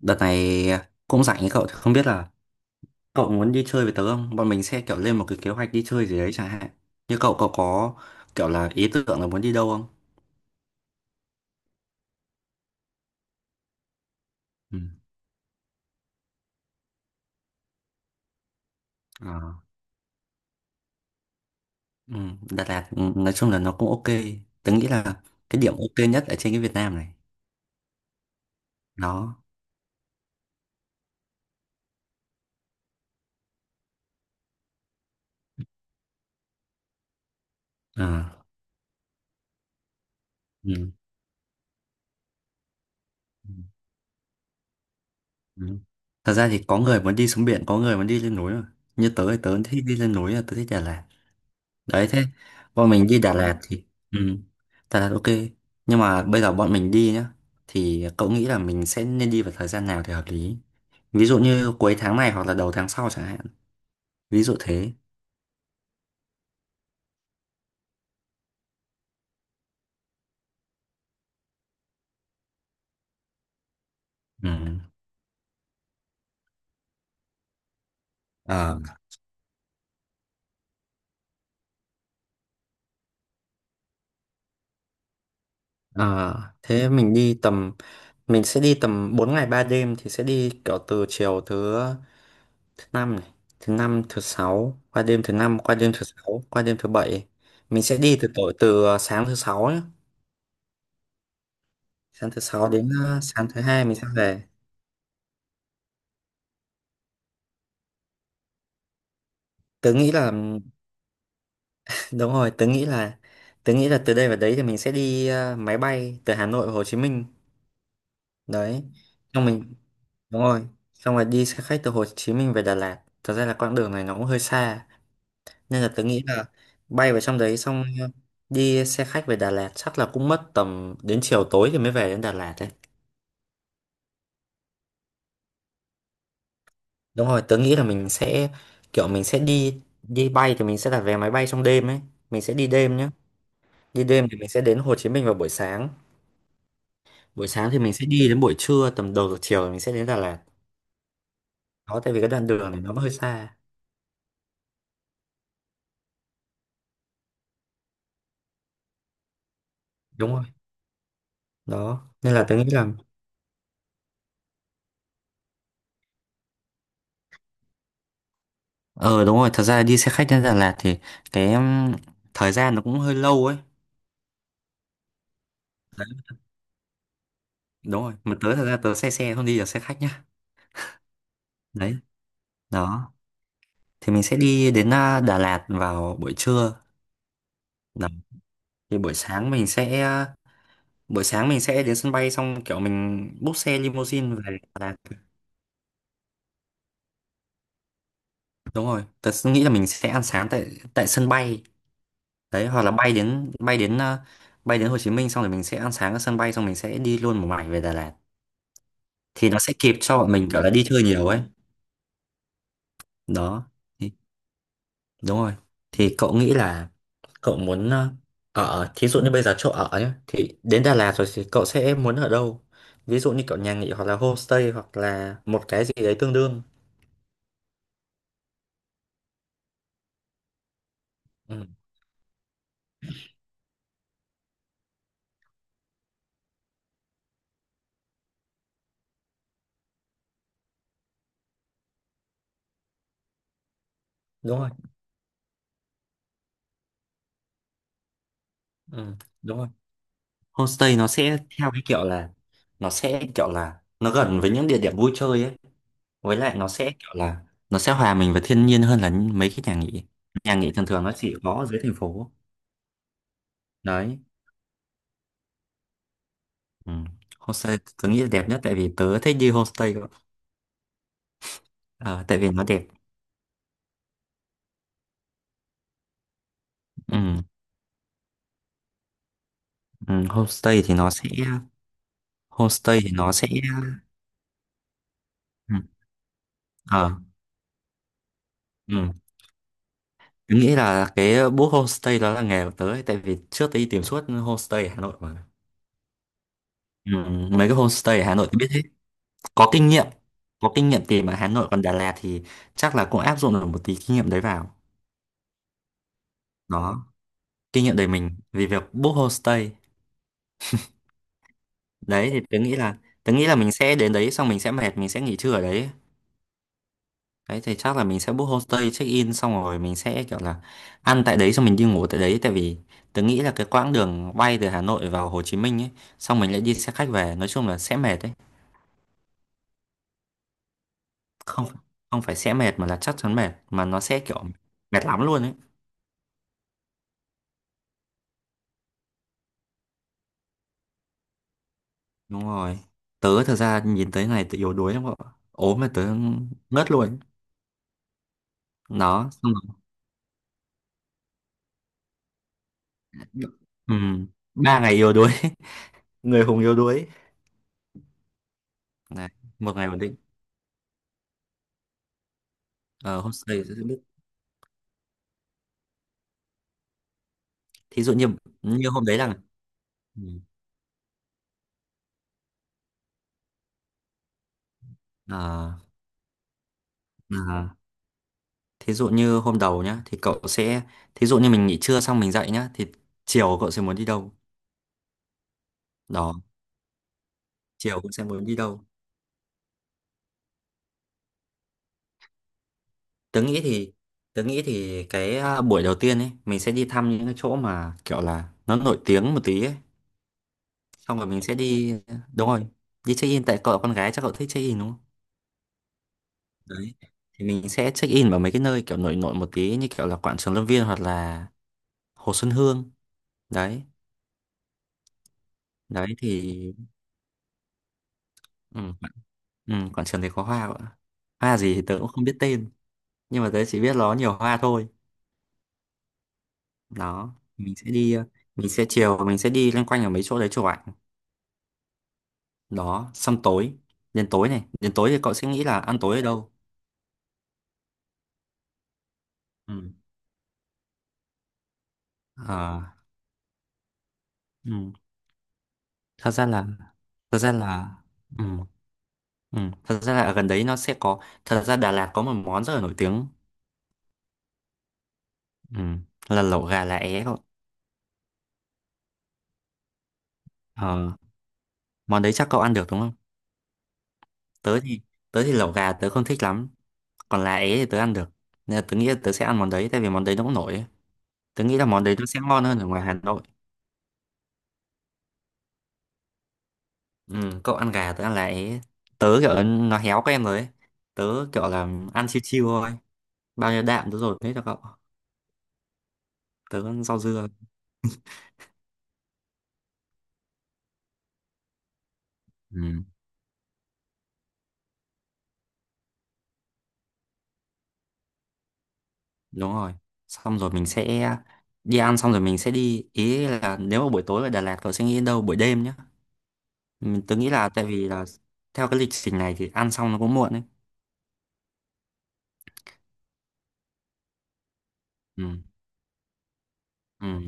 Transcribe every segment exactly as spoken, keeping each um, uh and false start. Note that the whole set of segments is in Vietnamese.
Đợt này cũng rảnh ấy, cậu thì không biết là cậu muốn đi chơi với tớ không? Bọn mình sẽ kiểu lên một cái kế hoạch đi chơi gì đấy chẳng hạn. Như cậu cậu có kiểu là ý tưởng là muốn đi đâu không? Ừ. À. Ừ. Đà Lạt, ừ, nói chung là nó cũng ok. Tớ nghĩ là cái điểm ok nhất ở trên cái Việt Nam này. Đó. À. Ừ. Ừ. Ừ. Thật ra thì có người muốn đi xuống biển, có người muốn đi lên núi mà. Như tớ thì tớ thích đi lên núi, là tớ thích Đà Lạt. Đấy, thế bọn mình đi Đà, Ừ, Lạt thì, ừ, Đà Lạt ok nhưng mà bây giờ bọn mình đi nhá, thì cậu nghĩ là mình sẽ nên đi vào thời gian nào thì hợp lý, ví dụ như cuối tháng này hoặc là đầu tháng sau chẳng hạn, ví dụ thế. Ừ. Ờ. Ờ, thế mình đi tầm mình sẽ đi tầm bốn ngày ba đêm thì sẽ đi kiểu từ chiều thứ thứ năm này, thứ năm thứ sáu, qua đêm thứ năm, qua đêm thứ sáu, qua đêm thứ bảy. Mình sẽ đi từ tối từ sáng thứ sáu, sáng thứ sáu đến ờ, sáng thứ hai mình sẽ về. Tớ nghĩ là đúng rồi, tớ nghĩ là tớ nghĩ là từ đây vào đấy thì mình sẽ đi ờ, máy bay từ Hà Nội và Hồ Chí Minh. Đấy, xong mình đúng rồi, xong rồi đi xe khách từ Hồ Chí Minh về Đà Lạt, thật ra là quãng đường này nó cũng hơi xa, nên là tớ nghĩ là bay vào trong đấy xong ờ, đi xe khách về Đà Lạt chắc là cũng mất tầm đến chiều tối thì mới về đến Đà Lạt đấy. Đúng rồi, tớ nghĩ là mình sẽ kiểu mình sẽ đi đi bay thì mình sẽ đặt vé máy bay trong đêm ấy, mình sẽ đi đêm nhá. Đi đêm thì mình sẽ đến Hồ Chí Minh vào buổi sáng. Buổi sáng thì mình sẽ đi đến buổi trưa, tầm đầu giờ chiều thì mình sẽ đến Đà Lạt. Đó, tại vì cái đoạn đường này nó hơi xa. Đúng rồi. Đó. Nên là tôi nghĩ là... Ờ đúng rồi, thật ra đi xe khách đến Đà Lạt thì cái um, thời gian nó cũng hơi lâu ấy. Đúng rồi, mà tớ thật ra tớ xe xe không đi được xe khách nhá. Đấy, đó. Thì mình sẽ đi đến à, Đà Lạt vào buổi trưa. Đó. Thì buổi sáng mình sẽ... à, Buổi sáng mình sẽ đến sân bay xong kiểu mình book xe limousine về Đà Lạt. Đúng rồi, tớ nghĩ là mình sẽ ăn sáng tại tại sân bay đấy, hoặc là bay đến bay đến ờ, bay đến Hồ Chí Minh xong rồi mình sẽ ăn sáng ở sân bay xong mình sẽ đi luôn một mạch về Đà Lạt thì nó sẽ kịp cho bọn mình kiểu là đi chơi nhiều ấy. Đó, thì, đúng rồi, thì cậu nghĩ là cậu muốn ờ, ở, thí dụ như bây giờ chỗ ở nhé, thì đến Đà Lạt rồi thì cậu sẽ muốn ở đâu, ví dụ như kiểu nhà nghỉ hoặc là homestay hoặc là một cái gì đấy tương đương. Ừ, đúng rồi ừ, đúng rồi Homestay nó sẽ theo cái kiểu là nó sẽ kiểu là nó gần với những địa điểm vui chơi ấy. Với lại nó sẽ kiểu là nó sẽ hòa mình với thiên nhiên hơn là những- mấy cái nhà nghỉ. Nhà nghỉ thường thường nó chỉ có ở dưới thành phố. Đấy. Ừ. Homestay tớ nghĩ là đẹp nhất tại vì tớ thích đi homestay cơ. Ờ, tại vì nó đẹp. Ừ. Ừ. Homestay thì nó sẽ homestay thì nó sẽ ừ. Ờ. Ừ. Tớ nghĩ là cái book homestay đó là nghề của tớ ấy, tại vì trước tớ đi tìm suốt homestay ở Hà Nội mà. Ừ, mấy cái homestay ở Hà Nội tôi biết, có kinh nghiệm có kinh nghiệm tìm ở Hà Nội, còn Đà Lạt thì chắc là cũng áp dụng được một tí kinh nghiệm đấy vào. Đó, kinh nghiệm đời mình vì việc book homestay. Đấy thì tớ nghĩ là tớ nghĩ là mình sẽ đến đấy xong mình sẽ mệt, mình sẽ nghỉ trưa ở đấy. Đấy thì chắc là mình sẽ book homestay check in xong rồi mình sẽ kiểu là ăn tại đấy xong mình đi ngủ tại đấy, tại vì tớ nghĩ là cái quãng đường bay từ Hà Nội vào Hồ Chí Minh ấy xong mình lại đi xe khách về nói chung là sẽ mệt đấy. Không, không phải sẽ mệt mà là chắc chắn mệt, mà nó sẽ kiểu mệt lắm luôn ấy. Đúng rồi, tớ thật ra nhìn tới ngày tớ yếu đuối lắm cậu ạ. Ốm mà tớ ngất luôn. Nó xong rồi, ừ, ba ngày yếu đuối người hùng yếu đuối này, một ngày ổn định. Ờ, hôm sau thì sẽ biết, thí dụ như như hôm đấy là. Ừ. À. À, thí dụ như hôm đầu nhá thì cậu sẽ, thí dụ như mình nghỉ trưa xong mình dậy nhá thì chiều cậu sẽ muốn đi đâu. Đó, chiều cũng sẽ muốn đi đâu. Tớ nghĩ thì tớ nghĩ thì cái à, buổi đầu tiên ấy mình sẽ đi thăm những cái chỗ mà kiểu là nó nổi tiếng một tí ấy. Xong rồi mình sẽ đi, đúng rồi, đi check in, tại cậu là con gái chắc cậu thích check in đúng không? Đấy thì mình sẽ check in vào mấy cái nơi kiểu nổi nổi một tí như kiểu là Quảng Trường Lâm Viên hoặc là Hồ Xuân Hương, đấy. Đấy thì ừ, quảng- ừ, Quảng Trường thì có hoa cậu ạ. Hoa gì thì tớ cũng không biết tên, nhưng mà tớ chỉ biết nó nhiều hoa thôi. Đó, mình sẽ đi ờ, mình sẽ chiều mình sẽ đi loanh quanh ở mấy chỗ đấy chụp ảnh. Đó xong tối, đến tối này đến tối thì cậu sẽ nghĩ là ăn tối ở đâu. Ừ. À, ừ. thật ra là thật ra là ừ. Ừ. Thật ra là ở gần đấy nó sẽ có, thật ra Đà Lạt có một món rất là nổi tiếng, ừ, là lẩu gà lá é cậu. Ờ, món đấy chắc cậu ăn được đúng không? Tớ thì tớ thì lẩu gà tớ không thích lắm, còn lá é thì tớ ăn được, nên là tớ nghĩ là tớ sẽ ăn món đấy tại vì món đấy nó cũng nổi ấy. Tớ nghĩ là món đấy nó sẽ ngon hơn ở ngoài Hà Nội. Ừ, cậu ăn gà tớ ăn lại, tớ kiểu nó héo các em rồi ấy. Tớ kiểu là ăn chiêu chiêu thôi, bao nhiêu đạm tớ dồn hết cho cậu, tớ ăn rau dưa. Ừ, đúng rồi, xong rồi mình sẽ đi ăn xong rồi mình sẽ đi, ý là nếu mà buổi tối ở Đà Lạt cậu sẽ nghĩ đến đâu, buổi đêm nhá. Mình tớ nghĩ là tại vì là theo cái lịch trình này thì ăn xong nó cũng muộn ấy. Ừ, ừ,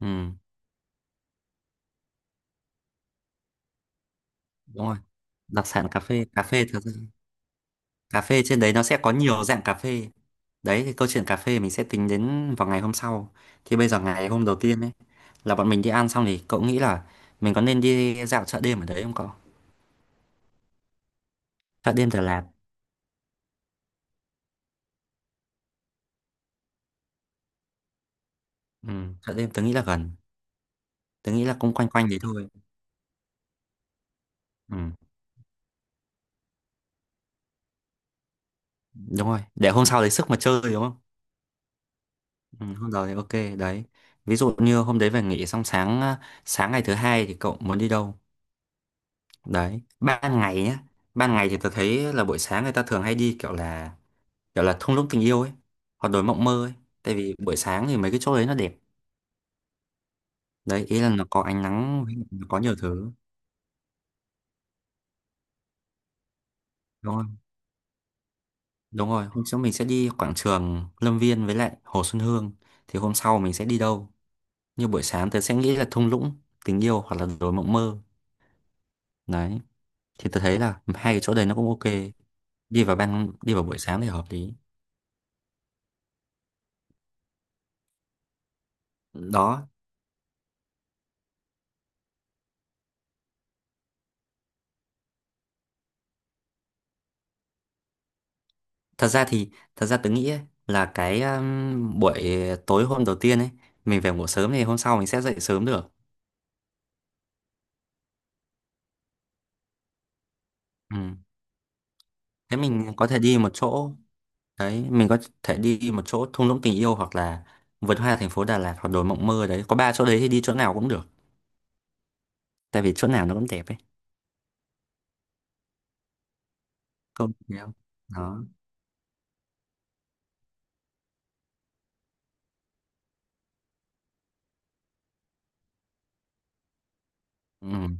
ừ, đúng rồi, đặc sản cà phê, cà phê thật, cà phê trên đấy nó sẽ có nhiều dạng cà phê. Đấy thì câu chuyện cà phê mình sẽ tính đến vào ngày hôm sau. Thì bây giờ ngày hôm đầu tiên ấy là bọn mình đi ăn xong thì cậu nghĩ là mình có nên đi dạo chợ đêm ở đấy không cậu? Chợ đêm Đà Lạt. Ừ, chợ đêm tớ nghĩ là gần, tớ nghĩ là cũng quanh quanh đấy thôi. Ừ, đúng rồi để hôm sau lấy sức mà chơi đúng không? Ừ, hôm đầu thì ok đấy, ví dụ như hôm đấy về nghỉ xong sáng à, sáng ngày thứ hai thì cậu muốn đi đâu. Đấy ban ngày nhá, ban ngày thì tôi thấy là buổi sáng người ta thường hay đi kiểu là, kiểu là thung lũng tình yêu ấy hoặc đồi mộng mơ ấy, tại vì buổi sáng thì mấy cái chỗ đấy nó đẹp. Đấy, ý là nó có ánh nắng, nó có nhiều thứ. Đúng rồi, đúng rồi, hôm sau mình sẽ đi quảng trường Lâm Viên với lại Hồ Xuân Hương, thì hôm sau mình sẽ đi đâu. Như buổi sáng tớ sẽ nghĩ là thung lũng tình yêu hoặc là đồi mộng mơ, đấy, thì tớ thấy là hai cái chỗ đấy nó cũng ok, đi vào ban đi vào buổi sáng thì hợp lý. Đó, thật ra thì thật ra tớ nghĩ ấy, là cái um, buổi tối hôm đầu tiên ấy mình về ngủ sớm thì hôm sau mình sẽ dậy sớm được. Ừ. Thế mình có thể đi một chỗ đấy, mình có thể đi một chỗ thung lũng tình yêu hoặc là vườn hoa thành phố Đà Lạt hoặc đồi mộng mơ, đấy có ba chỗ đấy thì đi chỗ nào cũng được, tại vì chỗ nào nó cũng đẹp ấy. Không đâu. Đó. Ừ.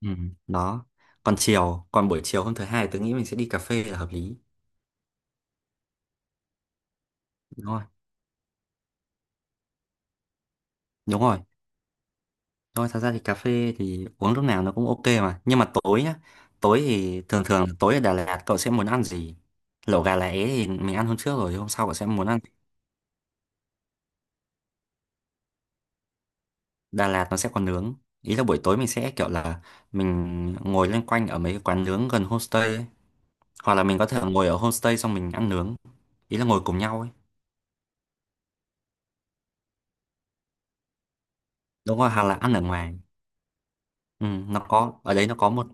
Ừ. Đó, còn chiều, còn buổi chiều hôm thứ hai tôi nghĩ mình sẽ đi cà phê là hợp lý. Đúng rồi. Đúng rồi, đúng rồi, thật ra thì cà phê thì uống lúc nào nó cũng ok mà, nhưng mà tối nhá. Tối thì thường thường là tối ở Đà Lạt cậu sẽ muốn ăn gì? Lẩu gà lá é thì mình ăn hôm trước rồi, hôm sau cậu sẽ muốn? Đà Lạt nó sẽ còn nướng, ý là buổi tối mình sẽ kiểu là mình ngồi loanh quanh ở mấy cái quán nướng gần homestay ấy. Hoặc là mình có thể ngồi ở homestay xong mình ăn nướng, ý là ngồi cùng nhau ấy. Đúng rồi, hoặc là ăn ở ngoài. Ừ, nó có ở đấy, nó có một,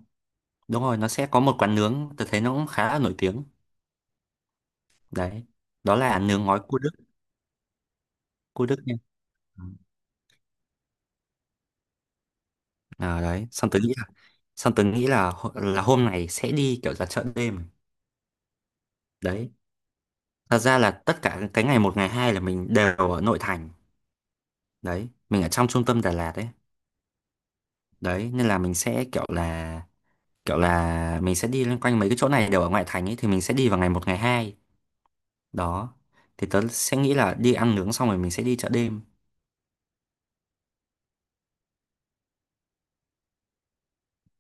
đúng rồi, nó sẽ có một quán nướng tôi thấy nó cũng khá là nổi tiếng. Đấy, đó là nướng ngói cua Đức. Cua Đức nha. À, đấy xong tớ nghĩ là, xong tớ nghĩ là hô- là hôm này sẽ đi kiểu là chợ đêm. Đấy, thật ra là tất cả cái ngày một ngày hai là mình đều ở nội thành, đấy mình ở trong trung tâm Đà Lạt đấy. Đấy nên là mình sẽ kiểu là, kiểu là mình sẽ đi loanh quanh mấy cái chỗ này đều ở ngoại thành ấy, thì mình sẽ đi vào ngày một ngày hai. Đó, thì tớ sẽ nghĩ là đi ăn nướng xong rồi mình sẽ đi chợ đêm.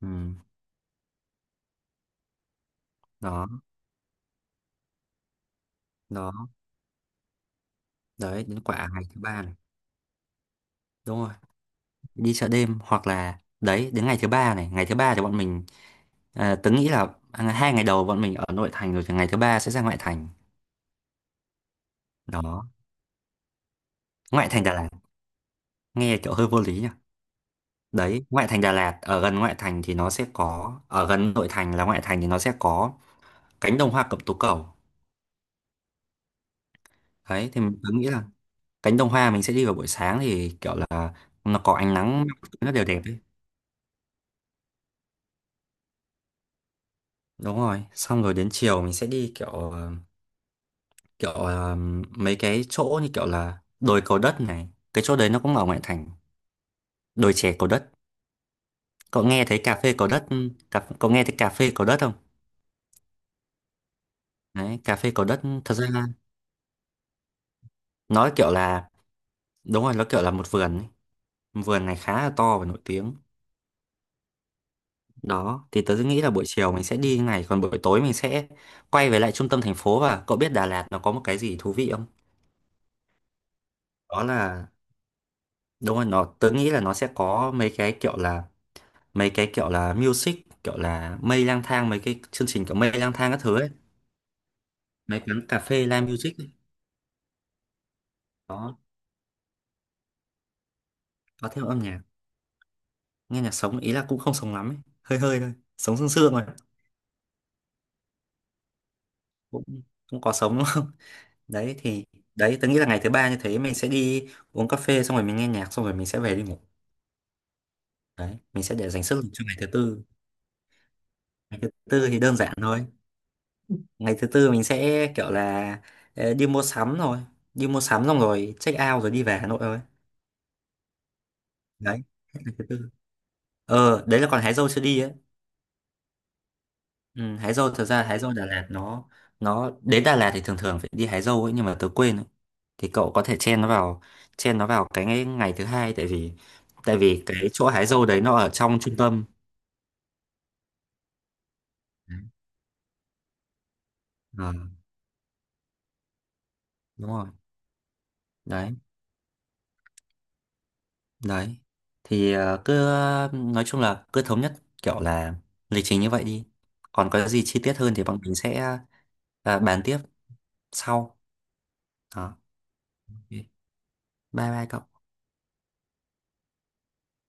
Ừ. Đó. Đó. Đấy đến quả ngày thứ ba này. Đúng rồi, đi chợ đêm, hoặc là đấy đến ngày thứ ba này, ngày thứ ba thì bọn mình, à, tớ nghĩ là, à, hai ngày đầu bọn mình ở nội thành rồi thì ngày thứ ba sẽ ra ngoại thành. Đó. Ngoại thành Đà Lạt nghe kiểu hơi vô lý nhỉ. Đấy, ngoại thành Đà Lạt ở gần ngoại thành thì nó sẽ có, ở gần nội thành là ngoại thành thì nó sẽ có cánh đồng hoa cẩm tú cầu. Đấy thì mình cứ nghĩ là cánh đồng hoa mình sẽ đi vào buổi sáng thì kiểu là nó có ánh nắng, nó đều đẹp đấy. Đúng rồi, xong rồi đến chiều mình sẽ đi kiểu ờ, kiểu ờ, mấy cái chỗ như kiểu là đồi cầu đất này, cái chỗ đấy nó cũng ở ngoại thành. Đồi chè cầu đất. Cậu nghe thấy cà phê cầu đất, cà, cậu nghe thấy cà phê cầu đất không? Đấy, cà phê cầu đất thật ra nói kiểu là, đúng rồi, nó kiểu là một vườn ấy. Vườn này khá là to và nổi tiếng. Đó, thì tớ nghĩ là buổi chiều mình sẽ đi như này, còn buổi tối mình sẽ quay về lại trung tâm thành phố. Và cậu biết Đà Lạt nó có một cái gì thú vị không? Đó là, đúng rồi, nó, tớ nghĩ là nó sẽ có mấy cái kiểu là, mấy cái kiểu là music, kiểu là mây lang thang, mấy cái chương trình kiểu mây lang thang các thứ ấy, mấy quán cà phê live music ấy. Đó, có theo âm nhạc, nghe nhạc sống, ý là cũng không sống lắm ấy, hơi hơi thôi, sống sương sương rồi, cũng cũng có sống đúng không? Đấy thì, đấy, tớ nghĩ là ngày thứ ba như thế mình sẽ đi uống cà phê xong rồi mình nghe nhạc xong rồi mình sẽ về đi ngủ. Đấy mình sẽ để dành sức lực cho ngày thứ tư. Ngày thứ tư thì đơn giản thôi, ngày thứ tư mình sẽ kiểu là ờ, đi mua sắm rồi, đi mua sắm xong rồi check out rồi đi về Hà Nội thôi. Đấy, hết ngày thứ tư. Ờ đấy là còn hái dâu chưa đi ấy. Ừ, hái dâu thật ra hái dâu Đà Lạt nó nó đến Đà Lạt thì thường thường phải đi hái dâu ấy nhưng mà tớ quên ấy. Thì cậu có thể chen nó vào, chen nó vào cái ngày, ngày thứ hai, tại vì tại vì cái chỗ hái dâu đấy nó ở trong trung tâm. Đấy. Ờ đúng rồi. Đấy. Đấy. Thì ờ, cứ ờ, nói chung là cứ thống nhất kiểu là lịch trình như vậy đi. Còn có gì chi tiết hơn thì bọn mình sẽ ờ, bàn tiếp sau. Đó. Ok. Bye bye cậu.